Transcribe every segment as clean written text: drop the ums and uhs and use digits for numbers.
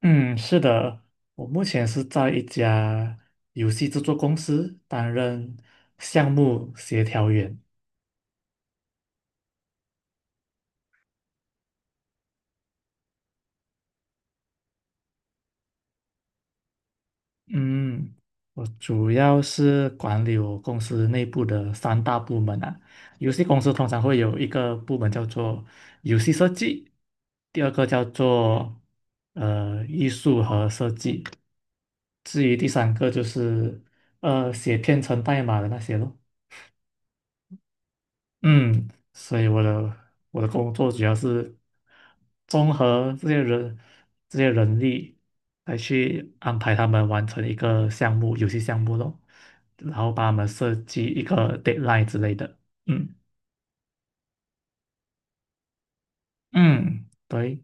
嗯，是的，我目前是在一家游戏制作公司担任项目协调员。嗯，我主要是管理我公司内部的三大部门啊。游戏公司通常会有一个部门叫做游戏设计，第二个叫做艺术和设计，至于第三个就是写编程代码的那些咯。嗯，所以我的工作主要是综合这些人这些人力，来去安排他们完成一个项目，游戏项目咯，然后帮他们设计一个 deadline 之类的。嗯嗯，对。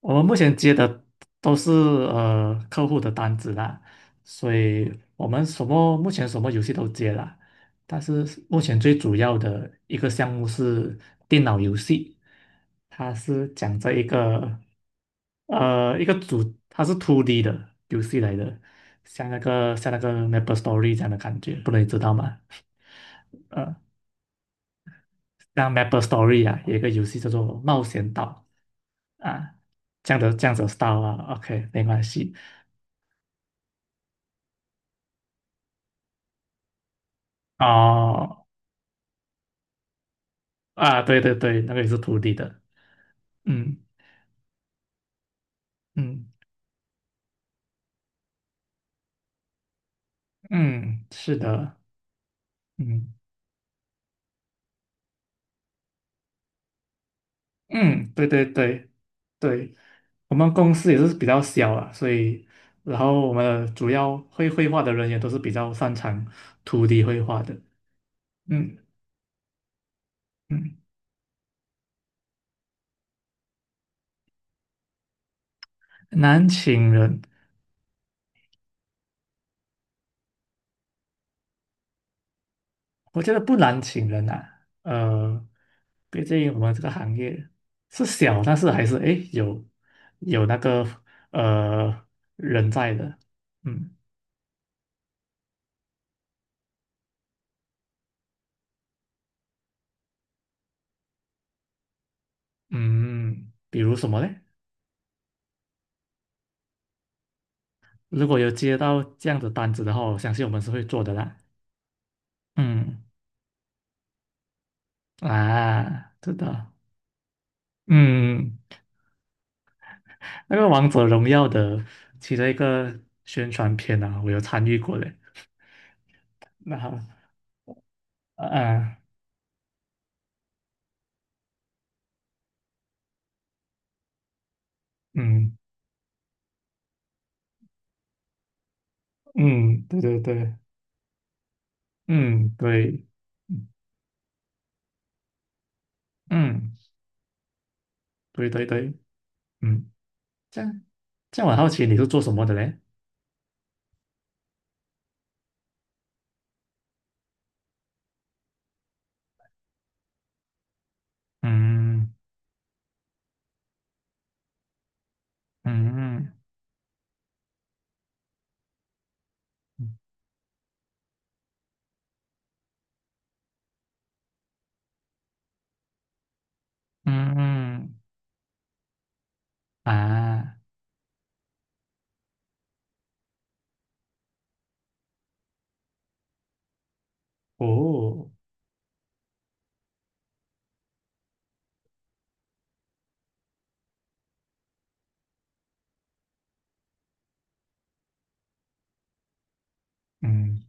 我们目前接的都是客户的单子啦，所以我们什么目前什么游戏都接啦，但是目前最主要的一个项目是电脑游戏，它是讲这一个呃一个主，它是 2D 的游戏来的，像那个 MapleStory 这样的感觉，不能知道吗？呃，像 MapleStory 啊，有一个游戏叫做《冒险岛》啊，这样子的 style 啊，OK,没关系。哦啊，对对对，那个也是土地的，嗯嗯嗯，是的，嗯嗯，对对对对，我们公司也是比较小啊，所以然后我们的主要会绘画的人也都是比较擅长土地绘画的，嗯嗯，难请人，我觉得不难请人啊，毕竟我们这个行业是小，但是还是诶有有那个呃人在的，嗯。嗯，比如什么嘞？如果有接到这样的单子的话，我相信我们是会做的啦。嗯，啊，知道。嗯，那个《王者荣耀》的其中一个宣传片啊，我有参与过嘞。那好，啊，啊嗯嗯，对对对，嗯对，嗯对对对，嗯，这样这样，我好奇你是做什么的嘞？嗯嗯嗯嗯嗯嗯啊，哦，嗯。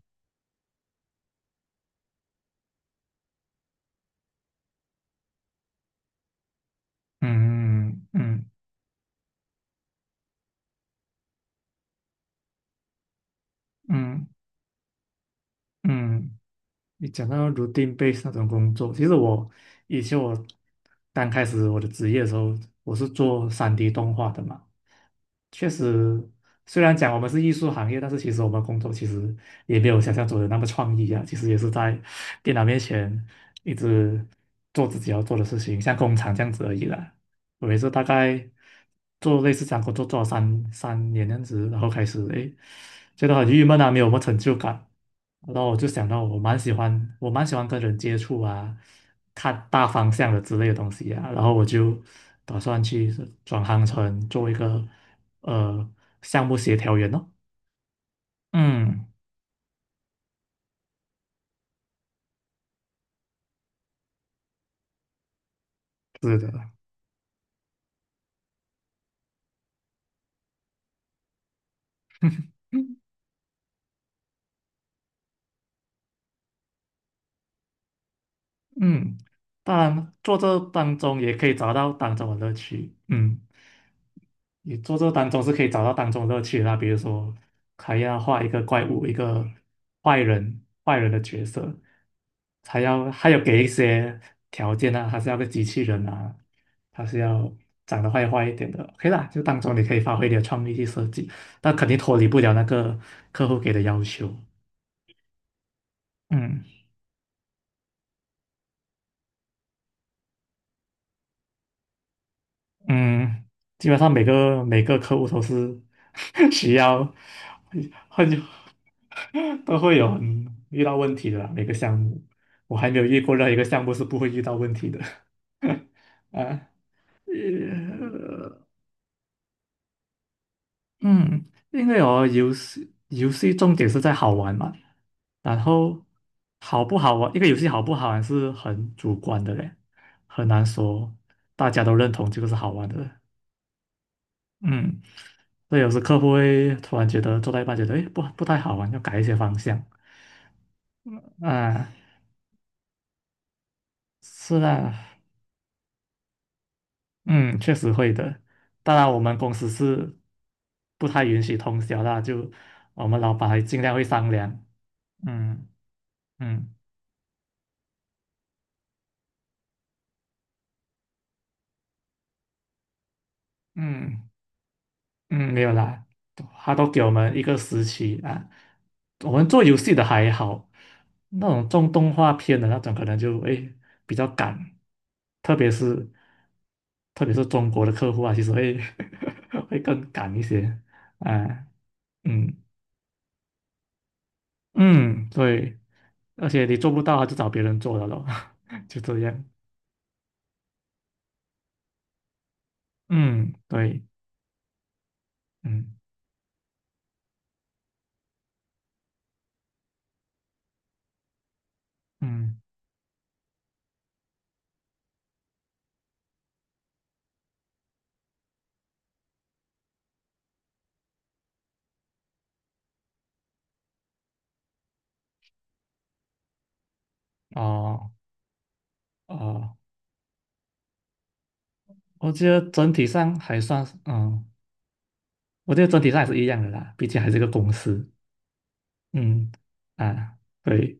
嗯嗯嗯嗯，嗯你讲到 routine base 那种工作，其实我以前我刚开始我的职业的时候，我是做三 d 动画的嘛。确实，虽然讲我们是艺术行业，但是其实我们工作其实也没有想象中的那么创意啊。其实也是在电脑面前一直做自己要做的事情，像工厂这样子而已啦。我也是大概做类似这样工作做了三年这样子，然后开始诶觉得很郁闷啊，没有什么成就感。然后我就想到我蛮喜欢，我蛮喜欢跟人接触啊，看大方向的之类的东西啊，然后我就打算去转行成做一个呃项目协调员哦。嗯，是的，嗯，当然做这当中也可以找到当中的乐趣。嗯。你做这当中是可以找到当中乐趣的啦，比如说还要画一个怪物，一个坏人，坏人的角色，还要还有给一些条件啊，他是要个机器人啊，他是要长得坏坏一点的，OK 啦，就当中你可以发挥你的创意去设计，但肯定脱离不了那个客户给的要求，嗯。嗯，基本上每个客户都是 需要很都会有很遇到问题的啦，每个项目，我还没有遇过任何一个项目是不会遇到问题的。啊，呃，嗯，因为哦，游戏游戏重点是在好玩嘛，然后好不好玩，一个游戏好不好玩是很主观的嘞，很难说大家都认同这个是好玩的。嗯，所以有时客户会突然觉得做到一半觉得，诶，不不太好玩，要改一些方向啊。是啊，嗯，确实会的。当然，我们公司是不太允许通宵啦，就我们老板还尽量会商量。嗯嗯嗯，嗯，没有啦，他都给我们一个时期啊。我们做游戏的还好，那种种动画片的那种可能就会比较赶，特别是特别是中国的客户啊，其实会 会更赶一些啊。嗯嗯，对，而且你做不到，他就找别人做了咯，就这样。嗯，对，嗯嗯，哦哦，我觉得整体上还算是，嗯。我觉得整体上还是一样的啦，毕竟还是个公司。嗯，啊，对，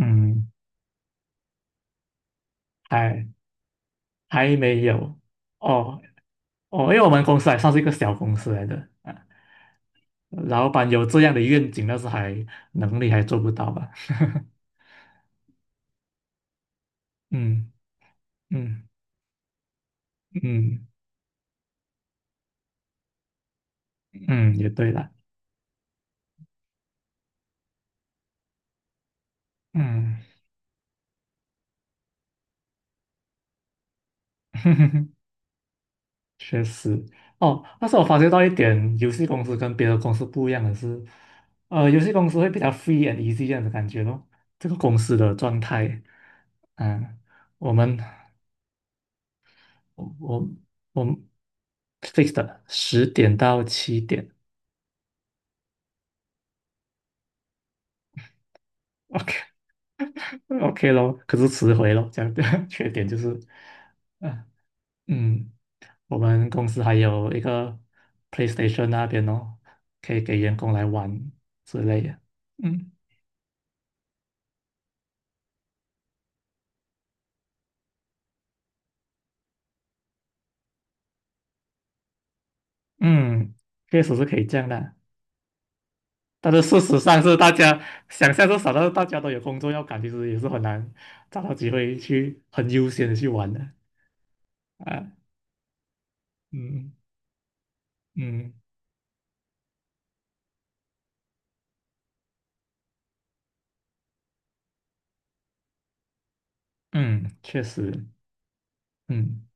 嗯，还还没有哦哦，因为我们公司还算是一个小公司来的啊，老板有这样的愿景，但是还能力还做不到吧？嗯嗯嗯嗯，也对啦，嗯。确实，哦，但是我发觉到一点，游戏公司跟别的公司不一样的是，游戏公司会比较 free and easy 这样的感觉咯。这个公司的状态，嗯，我们我我我们 fixed 10点到7点，OK OK 咯，可是迟回咯，这样的 缺点就是，嗯嗯，我们公司还有一个 PlayStation 那边哦，可以给员工来玩之类的，嗯嗯，确实是可以这样的，但是事实上是大家想象是少，但是大家都有工作要赶，其实也是很难找到机会去很悠闲的去玩的啊。嗯嗯嗯，确实，嗯，嗯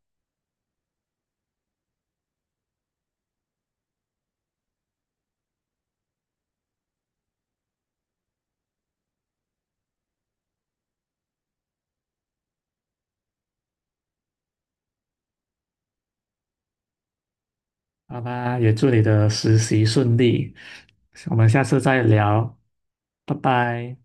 好吧，也祝你的实习顺利，我们下次再聊，拜拜。